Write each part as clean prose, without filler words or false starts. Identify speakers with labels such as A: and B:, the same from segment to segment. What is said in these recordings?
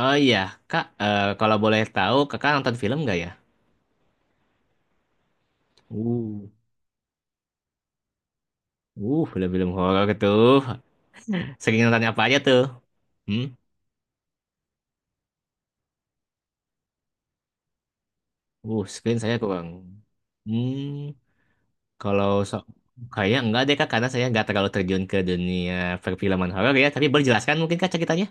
A: Oh iya, Kak, eh, kalau boleh tahu, Kakak nonton film nggak ya? Uh, Film-film horor tuh. Sering nonton apa aja tuh? Hmm? Screen saya kurang. Hmm, kalau so Kayaknya enggak deh Kak, karena saya nggak terlalu terjun ke dunia perfilman horor ya. Tapi boleh jelaskan mungkin Kak ceritanya?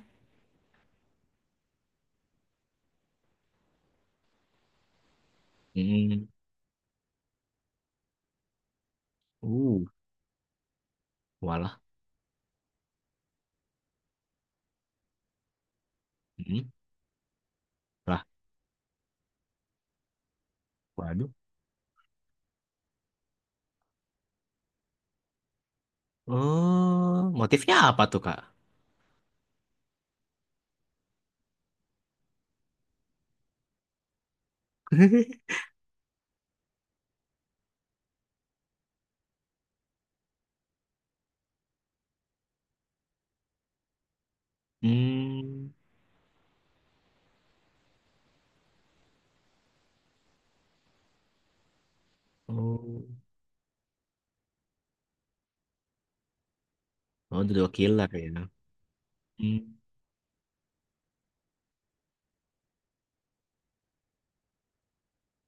A: Hmm. uh, Walah. Hmm, lah, waduh. Oh, motifnya apa tuh Kak? Hmm. Oh, oh, The Door Killer ya. Hmm,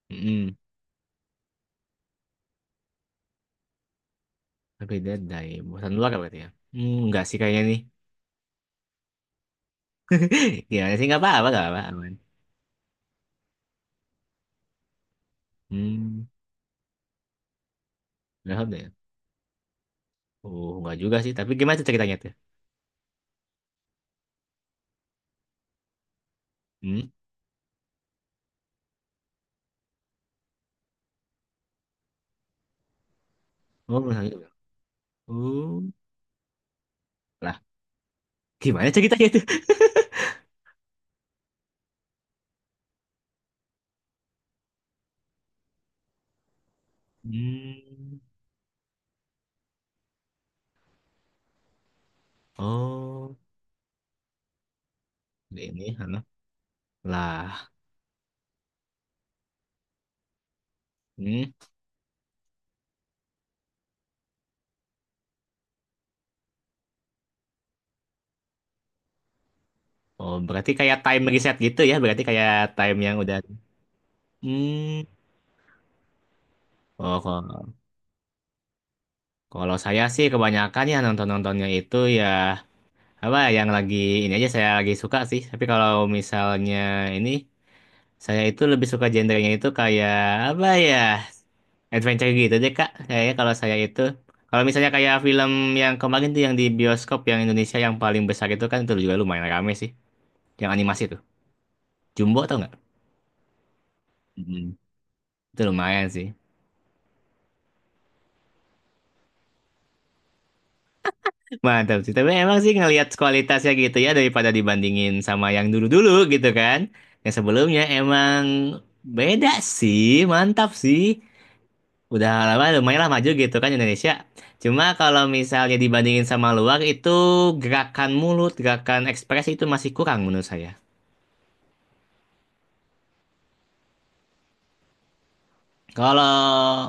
A: hmm. Berbeda dari buatan luar berarti ya? Enggak sih kayaknya nih. Gimana sih? Nggak apa-apa, nggak apa-apa. Aman. Hmm, enggak apa ya? Oh, enggak juga sih. Tapi gimana tuh ceritanya tuh? Hmm? Oh, belum sampai. Oh, lah. Gimana ceritanya tuh? Hmm. Oh, ini, halo. Lah. Hmm. Oh, berarti kayak time reset gitu ya? Berarti kayak time yang udah... Hmm. Oh, kalau saya sih kebanyakan ya nonton-nontonnya itu ya apa ya, yang lagi ini aja saya lagi suka sih tapi kalau misalnya ini saya itu lebih suka genrenya itu kayak apa ya, adventure gitu deh kak kayaknya kalau saya itu, kalau misalnya kayak film yang kemarin tuh yang di bioskop yang Indonesia yang paling besar itu kan itu juga lumayan rame sih, yang animasi tuh Jumbo tau nggak. mm itu lumayan sih, mantap sih tapi emang sih ngelihat kualitasnya gitu ya daripada dibandingin sama yang dulu-dulu gitu kan, yang sebelumnya emang beda sih, mantap sih. Udah lama lumayan lah maju gitu kan Indonesia. Cuma kalau misalnya dibandingin sama luar itu gerakan mulut, gerakan ekspresi itu masih kurang menurut saya. Kalau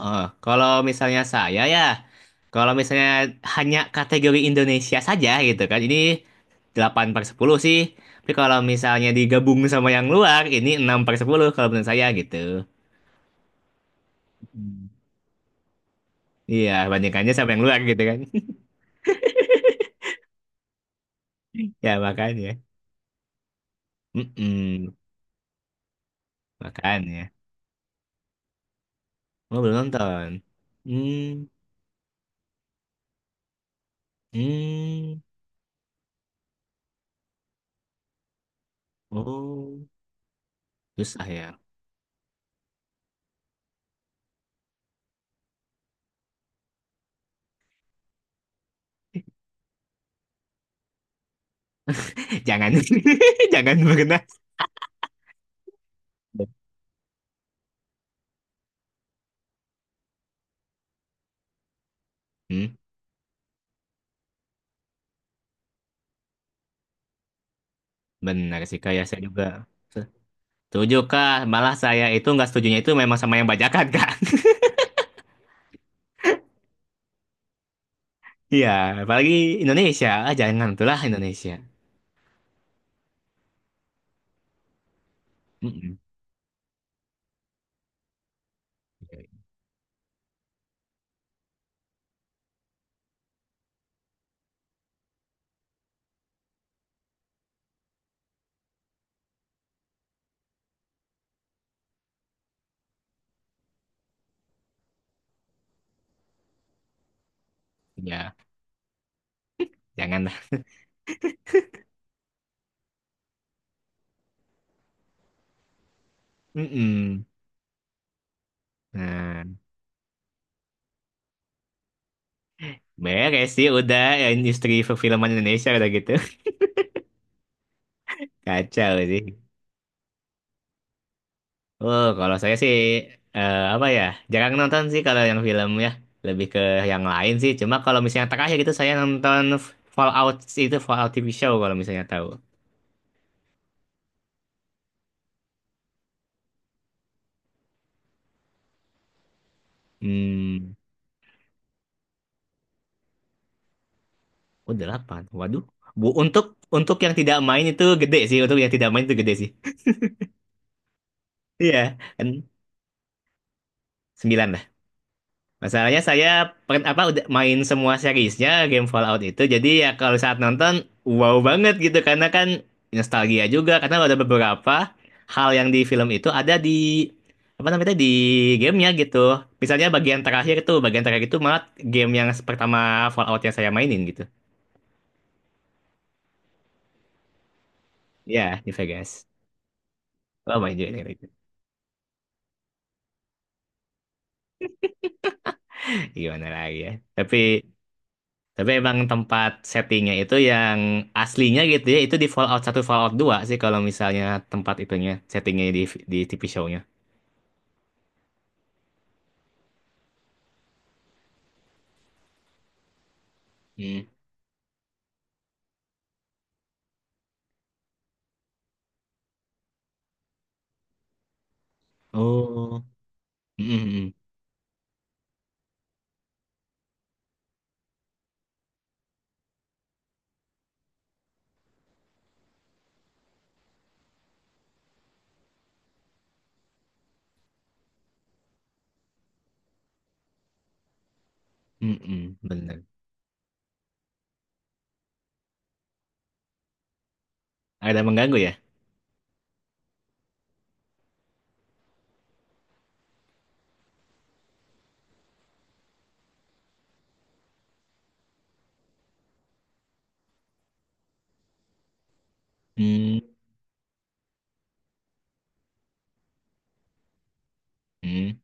A: eh, kalau misalnya saya ya, kalau misalnya hanya kategori Indonesia saja gitu kan, ini 8/10 sih. Tapi kalau misalnya digabung sama yang luar, ini 6/10 kalau menurut saya gitu. Hmm. Iya, bandingkannya sama yang luar gitu kan. Ya makanya. Mm-mm, makanya. Oh, belum nonton. Hmm, hmm. Oh, susah ya. Jangan, jangan berkenas. Hmm, Benar sih, kayak saya juga. Setuju, Kak. Malah saya itu nggak setujunya itu memang sama yang bajakan, Kak. Iya, apalagi Indonesia. Ah, jangan, itulah Indonesia. Mm-mm. Ya, janganlah. Mm-mm. Nah, beres sih udah ya, industri perfilman Indonesia udah gitu. Kacau sih. Oh, kalau saya sih apa ya? Jarang nonton sih kalau yang film ya, lebih ke yang lain sih. Cuma kalau misalnya terakhir gitu saya nonton Fallout itu, Fallout TV show kalau misalnya tahu. Hmm, udah delapan. Waduh. Bu, untuk yang tidak main itu gede sih. Untuk yang tidak main itu gede sih. Iya, kan 9 lah. Masalahnya saya apa udah main semua seriesnya game Fallout itu. Jadi ya kalau saat nonton wow banget gitu karena kan nostalgia juga karena ada beberapa hal yang di film itu ada di apa namanya di gamenya gitu. Misalnya bagian terakhir tuh, bagian terakhir itu malah game yang pertama Fallout yang saya mainin gitu. Ya, di Vegas. Oh, main juga itu. Gimana lagi ya. Tapi emang tempat settingnya itu yang aslinya gitu ya, itu di Fallout 1 Fallout 2 sih kalau misalnya tempat itunya, settingnya di TV show-nya. Hmm. Oh, mm bener. Ada mengganggu ya? Hmm, hmm,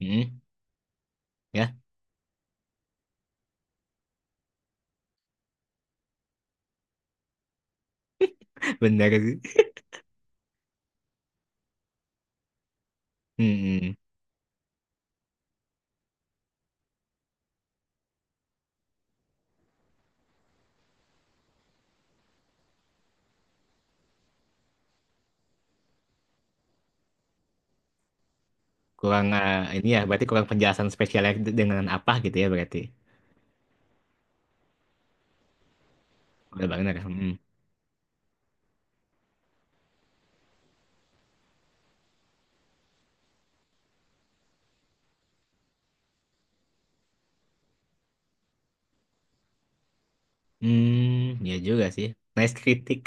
A: hmm, ya, bener sih. Hmm, hmm. Kurang eh, ini ya, berarti kurang penjelasan spesialnya dengan apa gitu ya berarti. Udah bener. Hmm, hmm, ya juga sih. Nice kritik.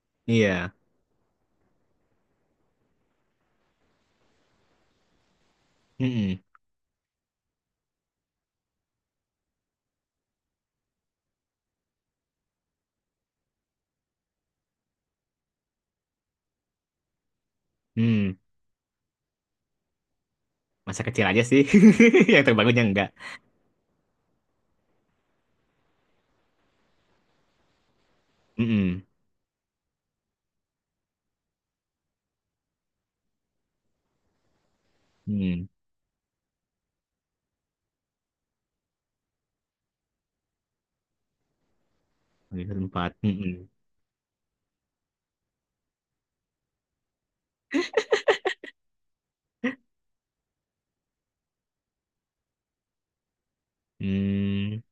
A: Iya. Hmm, hmm, hmm. Masa kecil aja sih, yang terbangunnya enggak. Mm-mm. Mm. Semester empat. Mm-mm. Hmm,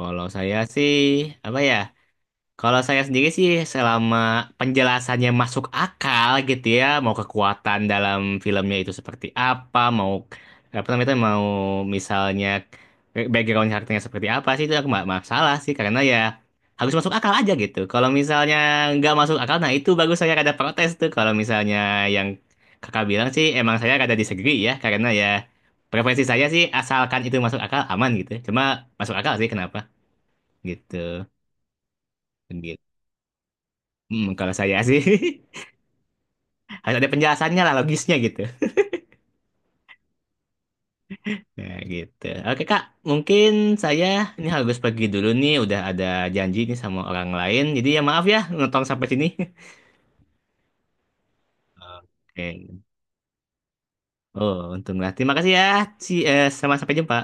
A: Kalau saya sih apa ya? Kalau saya sendiri sih selama penjelasannya masuk akal gitu ya, mau kekuatan dalam filmnya itu seperti apa, mau apa namanya itu, mau misalnya background karakternya seperti apa sih itu aku nggak masalah sih karena ya harus masuk akal aja gitu. Kalau misalnya nggak masuk akal, nah itu bagus saya rada protes tuh. Kalau misalnya yang kakak bilang sih emang saya rada disagree ya karena ya preferensi saya sih asalkan itu masuk akal aman gitu. Cuma masuk akal sih kenapa gitu. Hmm, kalau saya sih harus ada penjelasannya lah logisnya gitu. Nah, gitu. Oke Kak, mungkin saya ini harus pergi dulu nih, udah ada janji nih sama orang lain. Jadi ya maaf ya nonton sampai sini. Oke. Oh, untunglah. Terima kasih ya. Si, sama sampai jumpa.